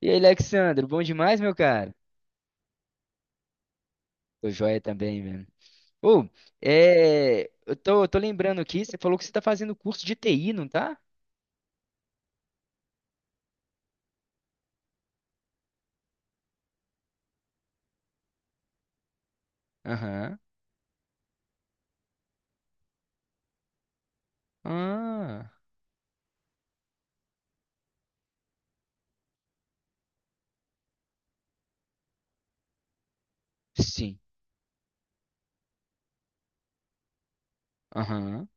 E aí, Alexandre, bom demais, meu cara? Tô joia também, velho. Ô, eu tô lembrando aqui, você falou que você tá fazendo curso de TI, não tá? Aham. Ah, sim. Aham.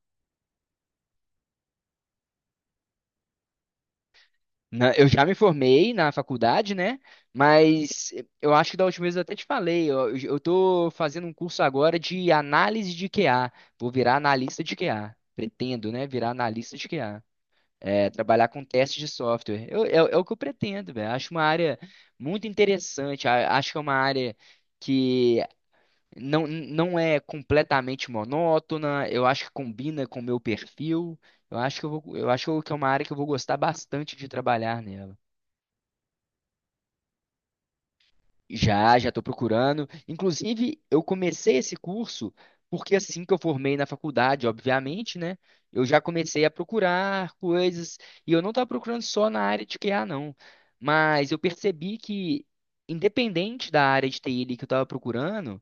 Eu já me formei na faculdade, né? Mas eu acho que da última vez eu até te falei, eu tô fazendo um curso agora de análise de QA. Vou virar analista de QA. Pretendo, né? Virar analista de QA. É, trabalhar com testes de software. É o que eu pretendo, velho. Acho uma área muito interessante. Acho que é uma área que não é completamente monótona. Eu acho que combina com o meu perfil. Eu acho que é uma área que eu vou gostar bastante de trabalhar nela. Já estou procurando. Inclusive, eu comecei esse curso porque assim que eu formei na faculdade, obviamente, né? Eu já comecei a procurar coisas e eu não estava procurando só na área de QA, não. Mas eu percebi que, independente da área de TI ali que eu estava procurando,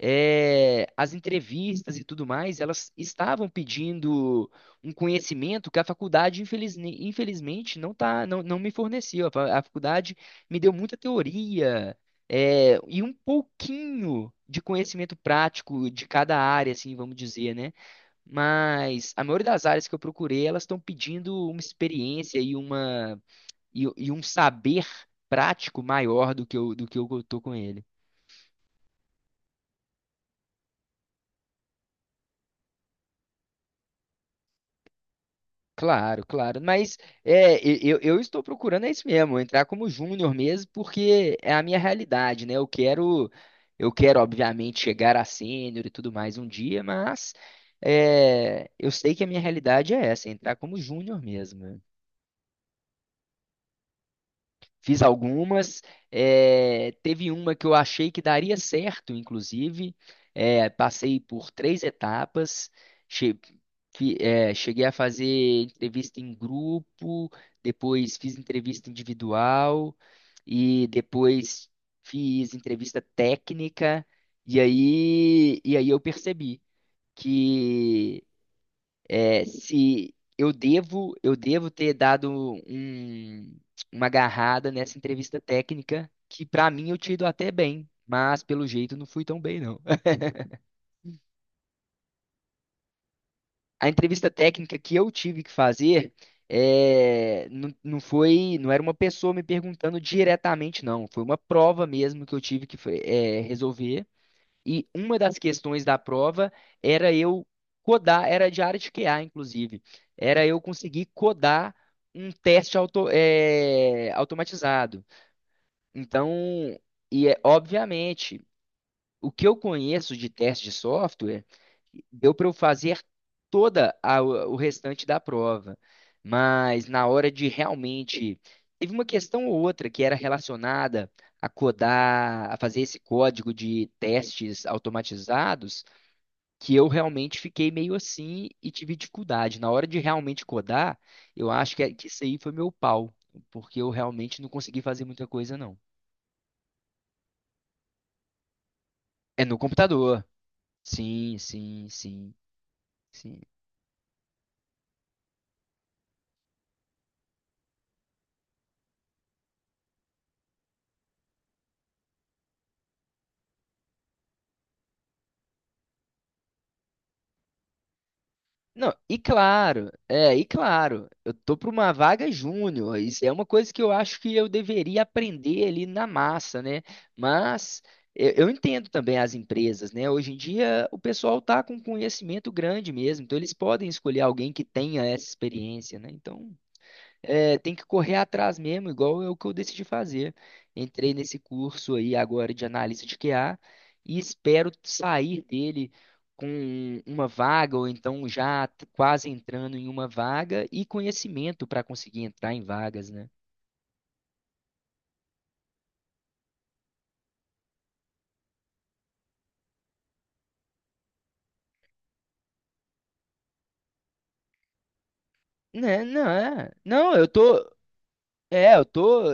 as entrevistas e tudo mais, elas estavam pedindo um conhecimento que a faculdade, infelizmente, não me forneceu. A faculdade me deu muita teoria, é, e um pouquinho de conhecimento prático de cada área, assim, vamos dizer, né? Mas a maioria das áreas que eu procurei, elas estão pedindo uma experiência e um saber prático maior do que eu tô com ele. Claro, claro. Mas eu estou procurando é isso mesmo, entrar como júnior mesmo, porque é a minha realidade, né? Obviamente, chegar a sênior e tudo mais um dia, mas é, eu sei que a minha realidade é essa, entrar como júnior mesmo, né? Fiz algumas. Teve uma que eu achei que daria certo, inclusive. Passei por três etapas. Che- Cheguei a fazer entrevista em grupo, depois fiz entrevista individual e depois fiz entrevista técnica. E aí eu percebi que é, se eu devo, eu devo ter dado um- uma agarrada nessa entrevista técnica, que pra mim eu tinha ido até bem, mas pelo jeito não fui tão bem, não. A entrevista técnica que eu tive que fazer não foi, não era uma pessoa me perguntando diretamente, não. Foi uma prova mesmo que eu tive que resolver. E uma das questões da prova era eu codar, era de área de QA, inclusive. Era eu conseguir codar um teste automatizado. Então, obviamente, o que eu conheço de teste de software, deu para eu fazer o restante da prova, mas na hora de realmente teve uma questão ou outra que era relacionada a codar, a fazer esse código de testes automatizados, que eu realmente fiquei meio assim e tive dificuldade. Na hora de realmente codar, eu acho que, que isso aí foi meu pau, porque eu realmente não consegui fazer muita coisa, não. É no computador. Sim, sim, sim. Sim. Não, e claro, é, e claro, eu tô para uma vaga júnior, isso é uma coisa que eu acho que eu deveria aprender ali na massa, né? Mas eu entendo também as empresas, né? Hoje em dia o pessoal tá com conhecimento grande mesmo, então eles podem escolher alguém que tenha essa experiência, né? Então é, tem que correr atrás mesmo, igual é o que eu decidi fazer. Entrei nesse curso aí agora de analista de QA e espero sair dele com uma vaga, ou então quase entrando em uma vaga e conhecimento para conseguir entrar em vagas, né? Né, não, é. Não, eu tô. É, eu tô.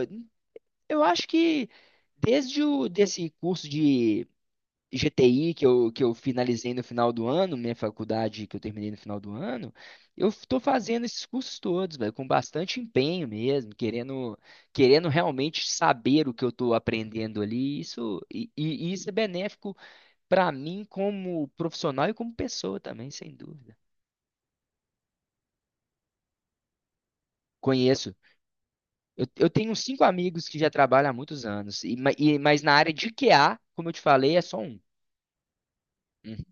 Eu acho que desde o desse curso de GTI que eu finalizei no final do ano, minha faculdade que eu terminei no final do ano, eu estou fazendo esses cursos todos, velho, com bastante empenho mesmo, querendo realmente saber o que eu estou aprendendo ali. Isso, e isso é benéfico para mim como profissional e como pessoa também, sem dúvida. Conheço. Eu tenho cinco amigos que já trabalham há muitos anos, mas na área de QA, como eu te falei, é só um. Uhum.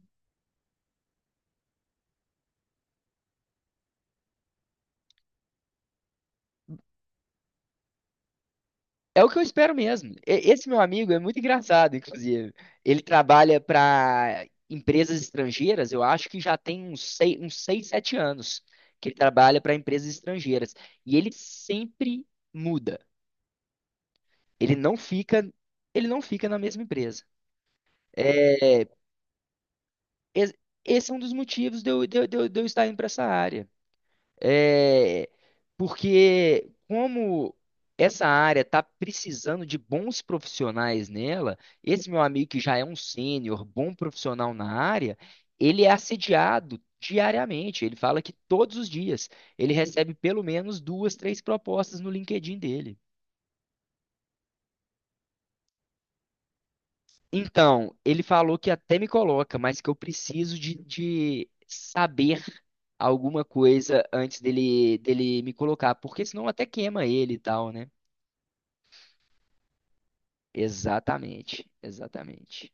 É o que eu espero mesmo. Esse meu amigo é muito engraçado, inclusive. Ele trabalha para empresas estrangeiras, eu acho que já tem uns 6, 7 anos que ele trabalha para empresas estrangeiras. E ele sempre muda. Ele não fica, ele não fica na mesma empresa. É, es- esse é um dos motivos de eu estar indo para essa área. É, porque como essa área está precisando de bons profissionais nela, esse meu amigo que já é um sênior, bom profissional na área, ele é assediado diariamente. Ele fala que todos os dias ele recebe pelo menos duas, três propostas no LinkedIn dele. Então, ele falou que até me coloca, mas que eu preciso de saber alguma coisa antes dele, dele me colocar, porque senão até queima ele e tal, né? Exatamente, exatamente.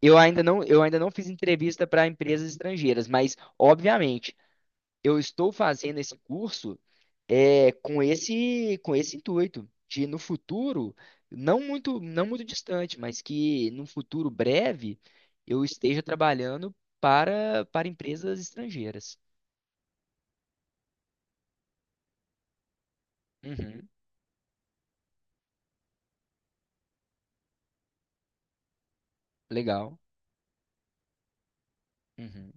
Eu ainda não fiz entrevista para empresas estrangeiras, mas obviamente eu estou fazendo esse curso com esse intuito de no futuro, não muito distante, mas que no futuro breve eu esteja trabalhando para empresas estrangeiras. Uhum, legal. Uhum.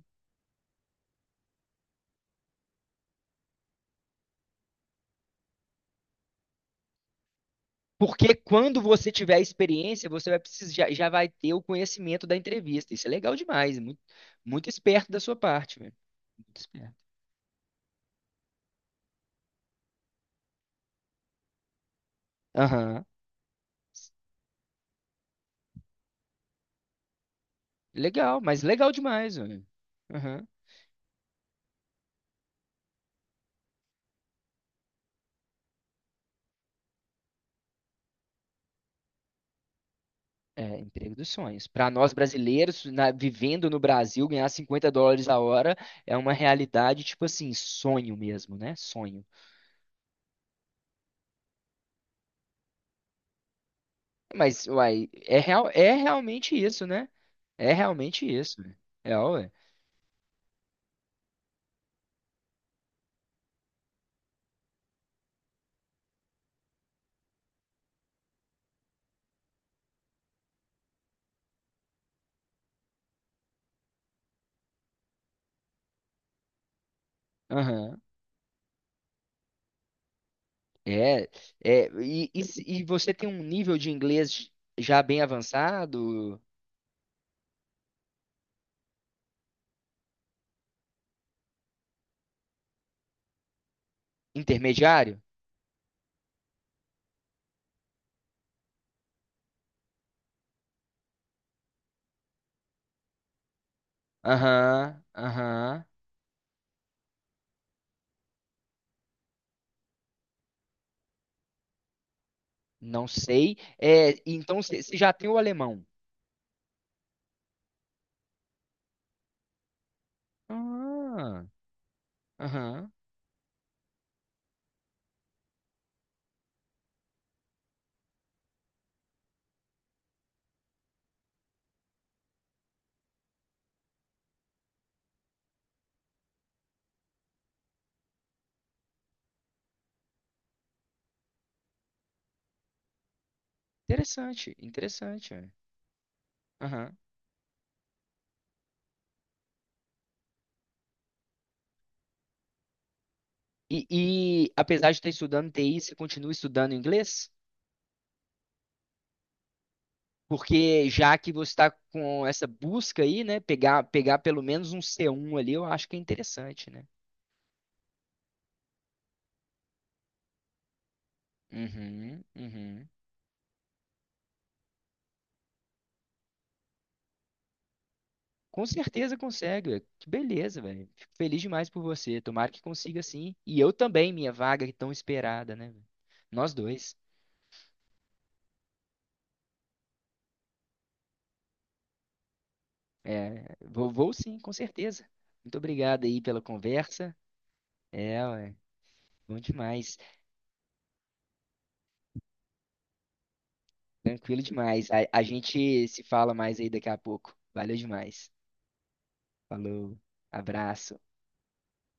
Porque quando você tiver a experiência, você vai precisar, já vai ter o conhecimento da entrevista. Isso é legal demais, muito esperto da sua parte, velho. Muito esperto. Aham. Legal, mas legal demais, velho. Aham. É, emprego dos sonhos. Para nós brasileiros, vivendo no Brasil, ganhar US$ 50 a hora é uma realidade, tipo assim, sonho mesmo, né? Sonho. Mas, uai, real, é realmente isso, né? É realmente isso, velho. É, ué. É, é e, se- e você tem um nível de inglês já bem avançado, intermediário? Aham, aham, não sei. É, então você você já tem o alemão. Ah, aham, interessante, interessante, é. Aham. E, e apesar de estar estudando TI, você continua estudando inglês? Porque já que você está com essa busca aí, né, pegar pelo menos um c um ali, eu acho que é interessante, né? Uhum, uhum. Com certeza consegue. Que beleza, velho. Fico feliz demais por você. Tomara que consiga sim. E eu também, minha vaga é tão esperada, né, velho? Nós dois. É, vou sim, com certeza. Muito obrigado aí pela conversa. É, ué, bom demais. Tranquilo demais. A gente se fala mais aí daqui a pouco. Valeu demais. Falou. Abraço.